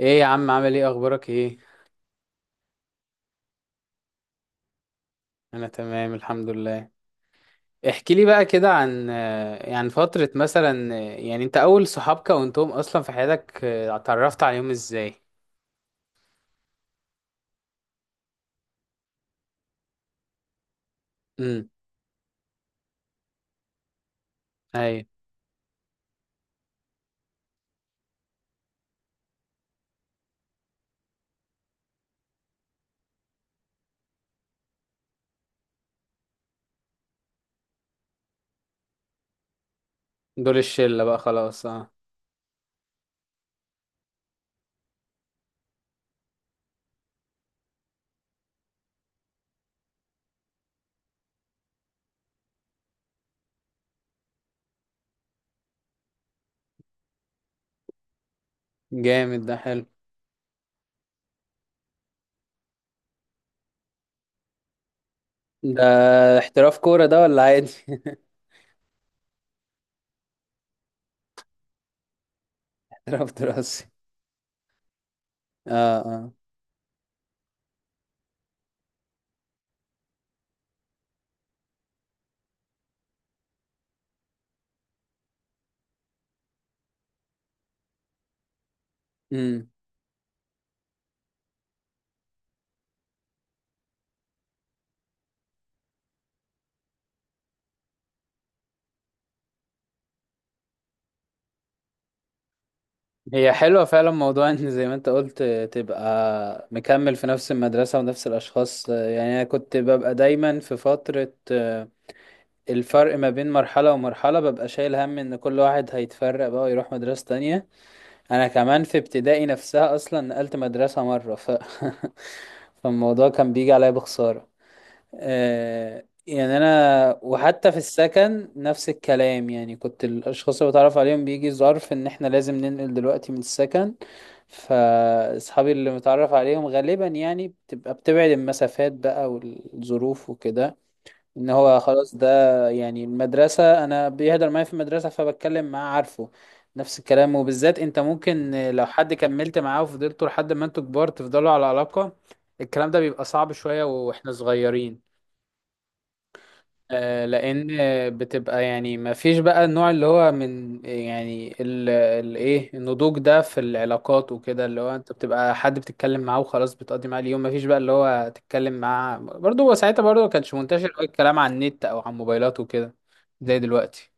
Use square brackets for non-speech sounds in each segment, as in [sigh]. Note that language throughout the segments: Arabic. ايه يا عم، عامل ايه؟ اخبارك ايه؟ انا تمام، الحمد لله. احكي لي بقى كده عن يعني فترة مثلا يعني انت اول صحاب كونتهم اصلا في حياتك اتعرفت عليهم ازاي؟ امم. اي. دول الشلة بقى خلاص، اه. جامد، ده حلو. ده احتراف كورة ده ولا عادي؟ [laughs] احتراف دراسي. اه، اه. امم. هي حلوة فعلا، موضوع ان زي ما انت قلت تبقى مكمل في نفس المدرسة ونفس الأشخاص. يعني أنا كنت ببقى دايما في فترة، الفرق ما بين مرحلة ومرحلة ببقى شايل هم ان كل واحد هيتفرق بقى ويروح مدرسة تانية. انا كمان في ابتدائي نفسها اصلا نقلت مدرسة مرة [laughs] فالموضوع كان بيجي عليا بخسارة. يعني انا وحتى في السكن نفس الكلام، يعني كنت الاشخاص اللي بتعرف عليهم بيجي ظرف ان احنا لازم ننقل دلوقتي من السكن. فاصحابي اللي متعرف عليهم غالبا يعني بتبقى بتبعد المسافات بقى والظروف وكده. ان هو خلاص ده. يعني المدرسة، انا بيهدر معايا في المدرسة فبتكلم معاه عارفه. نفس الكلام، وبالذات انت ممكن لو حد كملت معاه وفضلتوا لحد ما انتوا كبار تفضلوا على علاقة، الكلام ده بيبقى صعب شوية واحنا صغيرين. لان بتبقى يعني ما فيش بقى النوع اللي هو من يعني ايه، النضوج ده في العلاقات وكده، اللي هو انت بتبقى حد بتتكلم معاه وخلاص بتقضي معاه اليوم. ما فيش بقى اللي هو تتكلم معاه برضه، هو ساعتها برضه ما كانش منتشر قوي الكلام على النت او على الموبايلات وكده زي دلوقتي.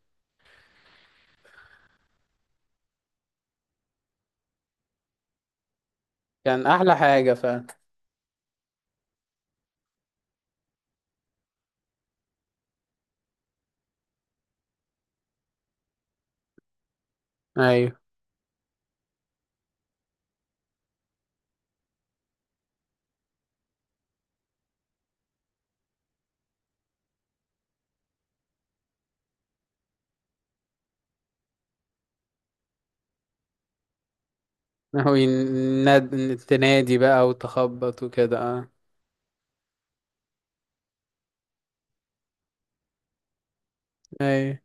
كان احلى حاجة فعلا. ايوه. [laughs] هو تنادي بقى وتخبط وكده، اه. ايوه.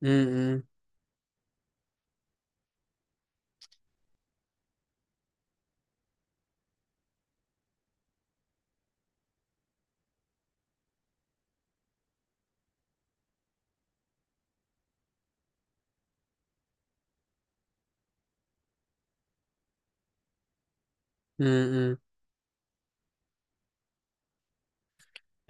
م- م- م- م.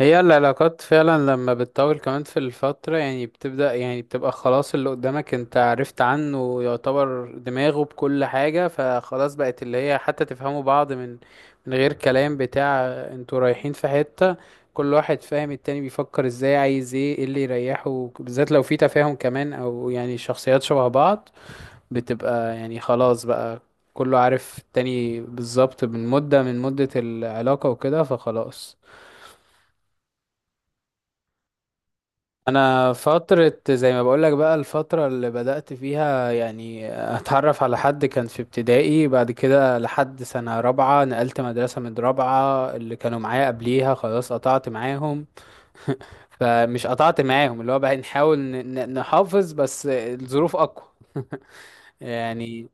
هي العلاقات فعلا لما بتطول كمان في الفترة، يعني بتبدأ يعني بتبقى خلاص اللي قدامك انت عرفت عنه، يعتبر دماغه بكل حاجة فخلاص، بقت اللي هي حتى تفهموا بعض من من غير كلام بتاع. انتوا رايحين في حتة كل واحد فاهم التاني بيفكر ازاي، عايز ايه، ايه اللي يريحه، بالذات لو في تفاهم كمان، او يعني شخصيات شبه بعض. بتبقى يعني خلاص بقى كله عارف التاني بالظبط من مدة، من مدة العلاقة وكده، فخلاص. انا فترة زي ما بقولك بقى، الفترة اللي بدأت فيها يعني اتعرف على حد كان في ابتدائي. بعد كده لحد سنة رابعة نقلت مدرسة، من رابعة اللي كانوا معايا قبليها خلاص قطعت معاهم. [laughs] فمش قطعت معاهم، اللي هو بقى نحاول نحافظ، بس الظروف اقوى يعني.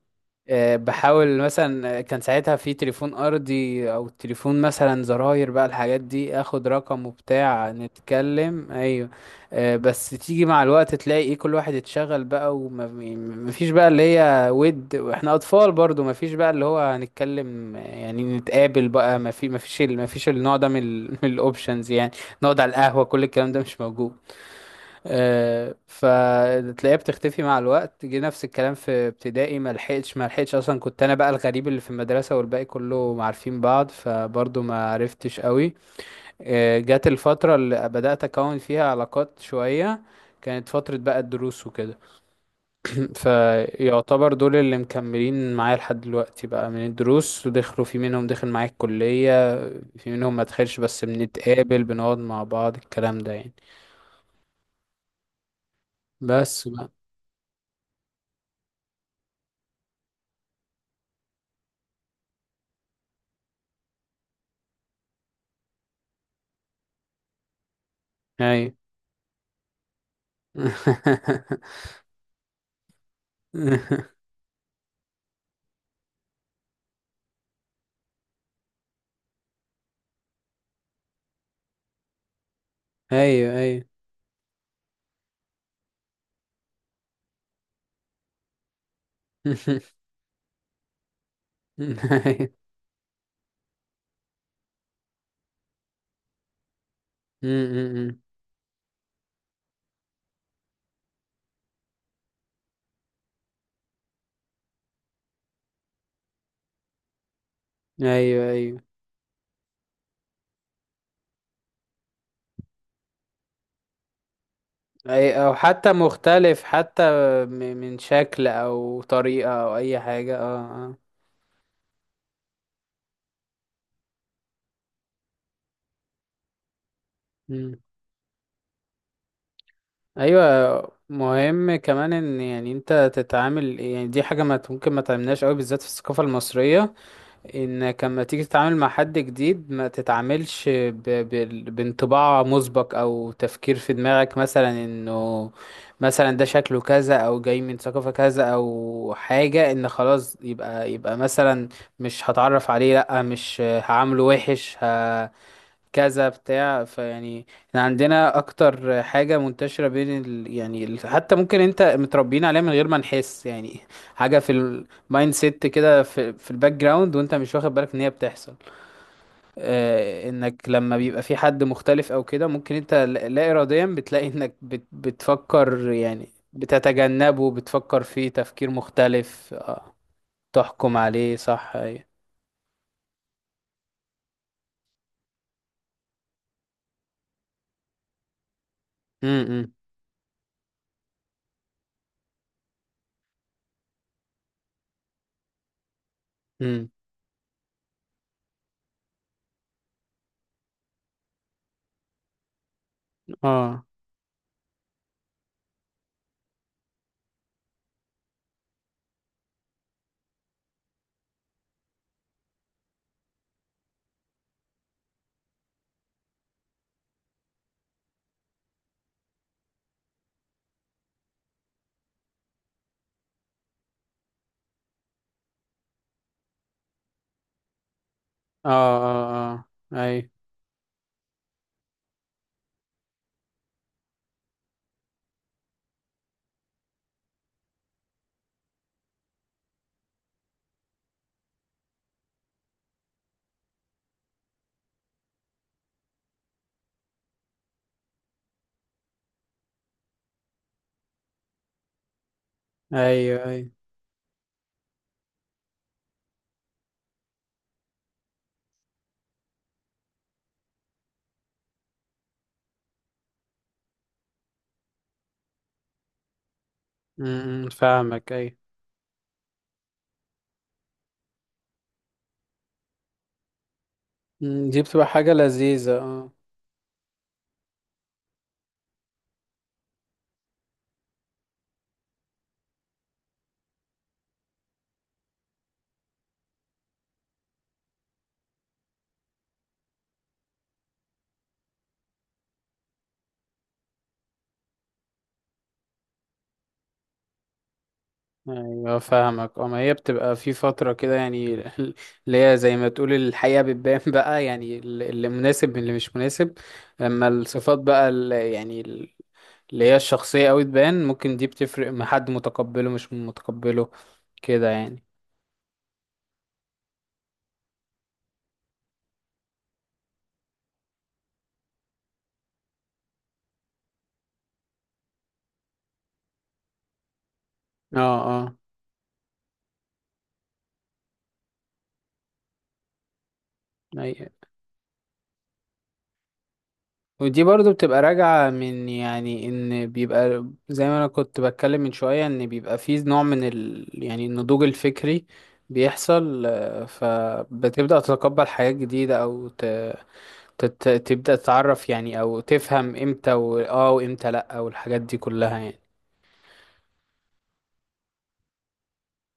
بحاول مثلا كان ساعتها في تليفون ارضي او تليفون مثلا زراير بقى، الحاجات دي، اخد رقم وبتاع نتكلم، ايوه. بس تيجي مع الوقت تلاقي ايه، كل واحد اتشغل بقى ومفيش بقى اللي هي ود، واحنا اطفال برضو مفيش بقى اللي هو هنتكلم يعني نتقابل بقى مفيش النوع ده من الاوبشنز، [laughs] يعني نقعد على القهوة كل الكلام ده مش موجود. فتلاقيها بتختفي مع الوقت. جه نفس الكلام في ابتدائي، ما لحقتش اصلا، كنت انا بقى الغريب اللي في المدرسه والباقي كله عارفين بعض فبرضه ما عرفتش قوي. جت الفتره اللي بدات اكون فيها علاقات شويه، كانت فتره بقى الدروس وكده. [clears throat] فيعتبر دول اللي مكملين معايا لحد دلوقتي بقى من الدروس، ودخلوا، في منهم دخل معايا الكليه، في منهم ما دخلش بس بنتقابل بنقعد مع بعض الكلام ده يعني. بس بقى. هاي. [laughs] ايوه، ايوه. [laughs] ايوه. أمم. ايوه، ايوه. أي. او حتى مختلف حتى، من شكل او طريقة او اي حاجة، اه، اه. أمم. ايوه. مهم كمان ان يعني انت تتعامل، يعني دي حاجة ما ممكن ما تعملناش قوي بالذات في الثقافة المصرية، انك لما تيجي تتعامل مع حد جديد ما تتعاملش بانطباع مسبق او تفكير في دماغك، مثلا انه مثلا ده شكله كذا او جاي من ثقافة كذا او حاجة، ان خلاص يبقى مثلا مش هتعرف عليه، لا مش هعامله وحش كذا بتاع. فيعني احنا عندنا اكتر حاجة منتشرة بين يعني حتى ممكن انت متربيين عليها من غير ما نحس، يعني حاجة في المايند سيت كده في الباك جراوند، وانت مش واخد بالك ان هي بتحصل. آه، انك لما بيبقى في حد مختلف او كده ممكن انت لا اراديا بتلاقي انك بتفكر، يعني بتتجنبه، بتفكر فيه تفكير مختلف، آه. تحكم عليه، صح، ايوه. امم، امم. اه، اه، اه، اه. ايوه، ايوه. ايوه. امم، فاهمك، اي. مم، دي بتبقى حاجة لذيذة، اه. ايوه فاهمك، اه. ما هي بتبقى في فترة كده يعني، [laughs] اللي هي زي ما تقول الحقيقة بتبان [laughs] بقى، يعني اللي مناسب من اللي مش مناسب، لما الصفات بقى اللي يعني اللي هي الشخصية اوي تبان، ممكن دي بتفرق مع حد متقبله مش متقبله كده يعني. اه، اه، اي. ودي برضو بتبقى راجعة من يعني ان بيبقى زي ما انا كنت بتكلم من شوية ان بيبقى فيه نوع من ال يعني النضوج الفكري بيحصل. فبتبدأ تتقبل حاجات جديدة، او تبدأ تتعرف يعني او تفهم امتى اه، وامتى لأ، والحاجات دي كلها يعني.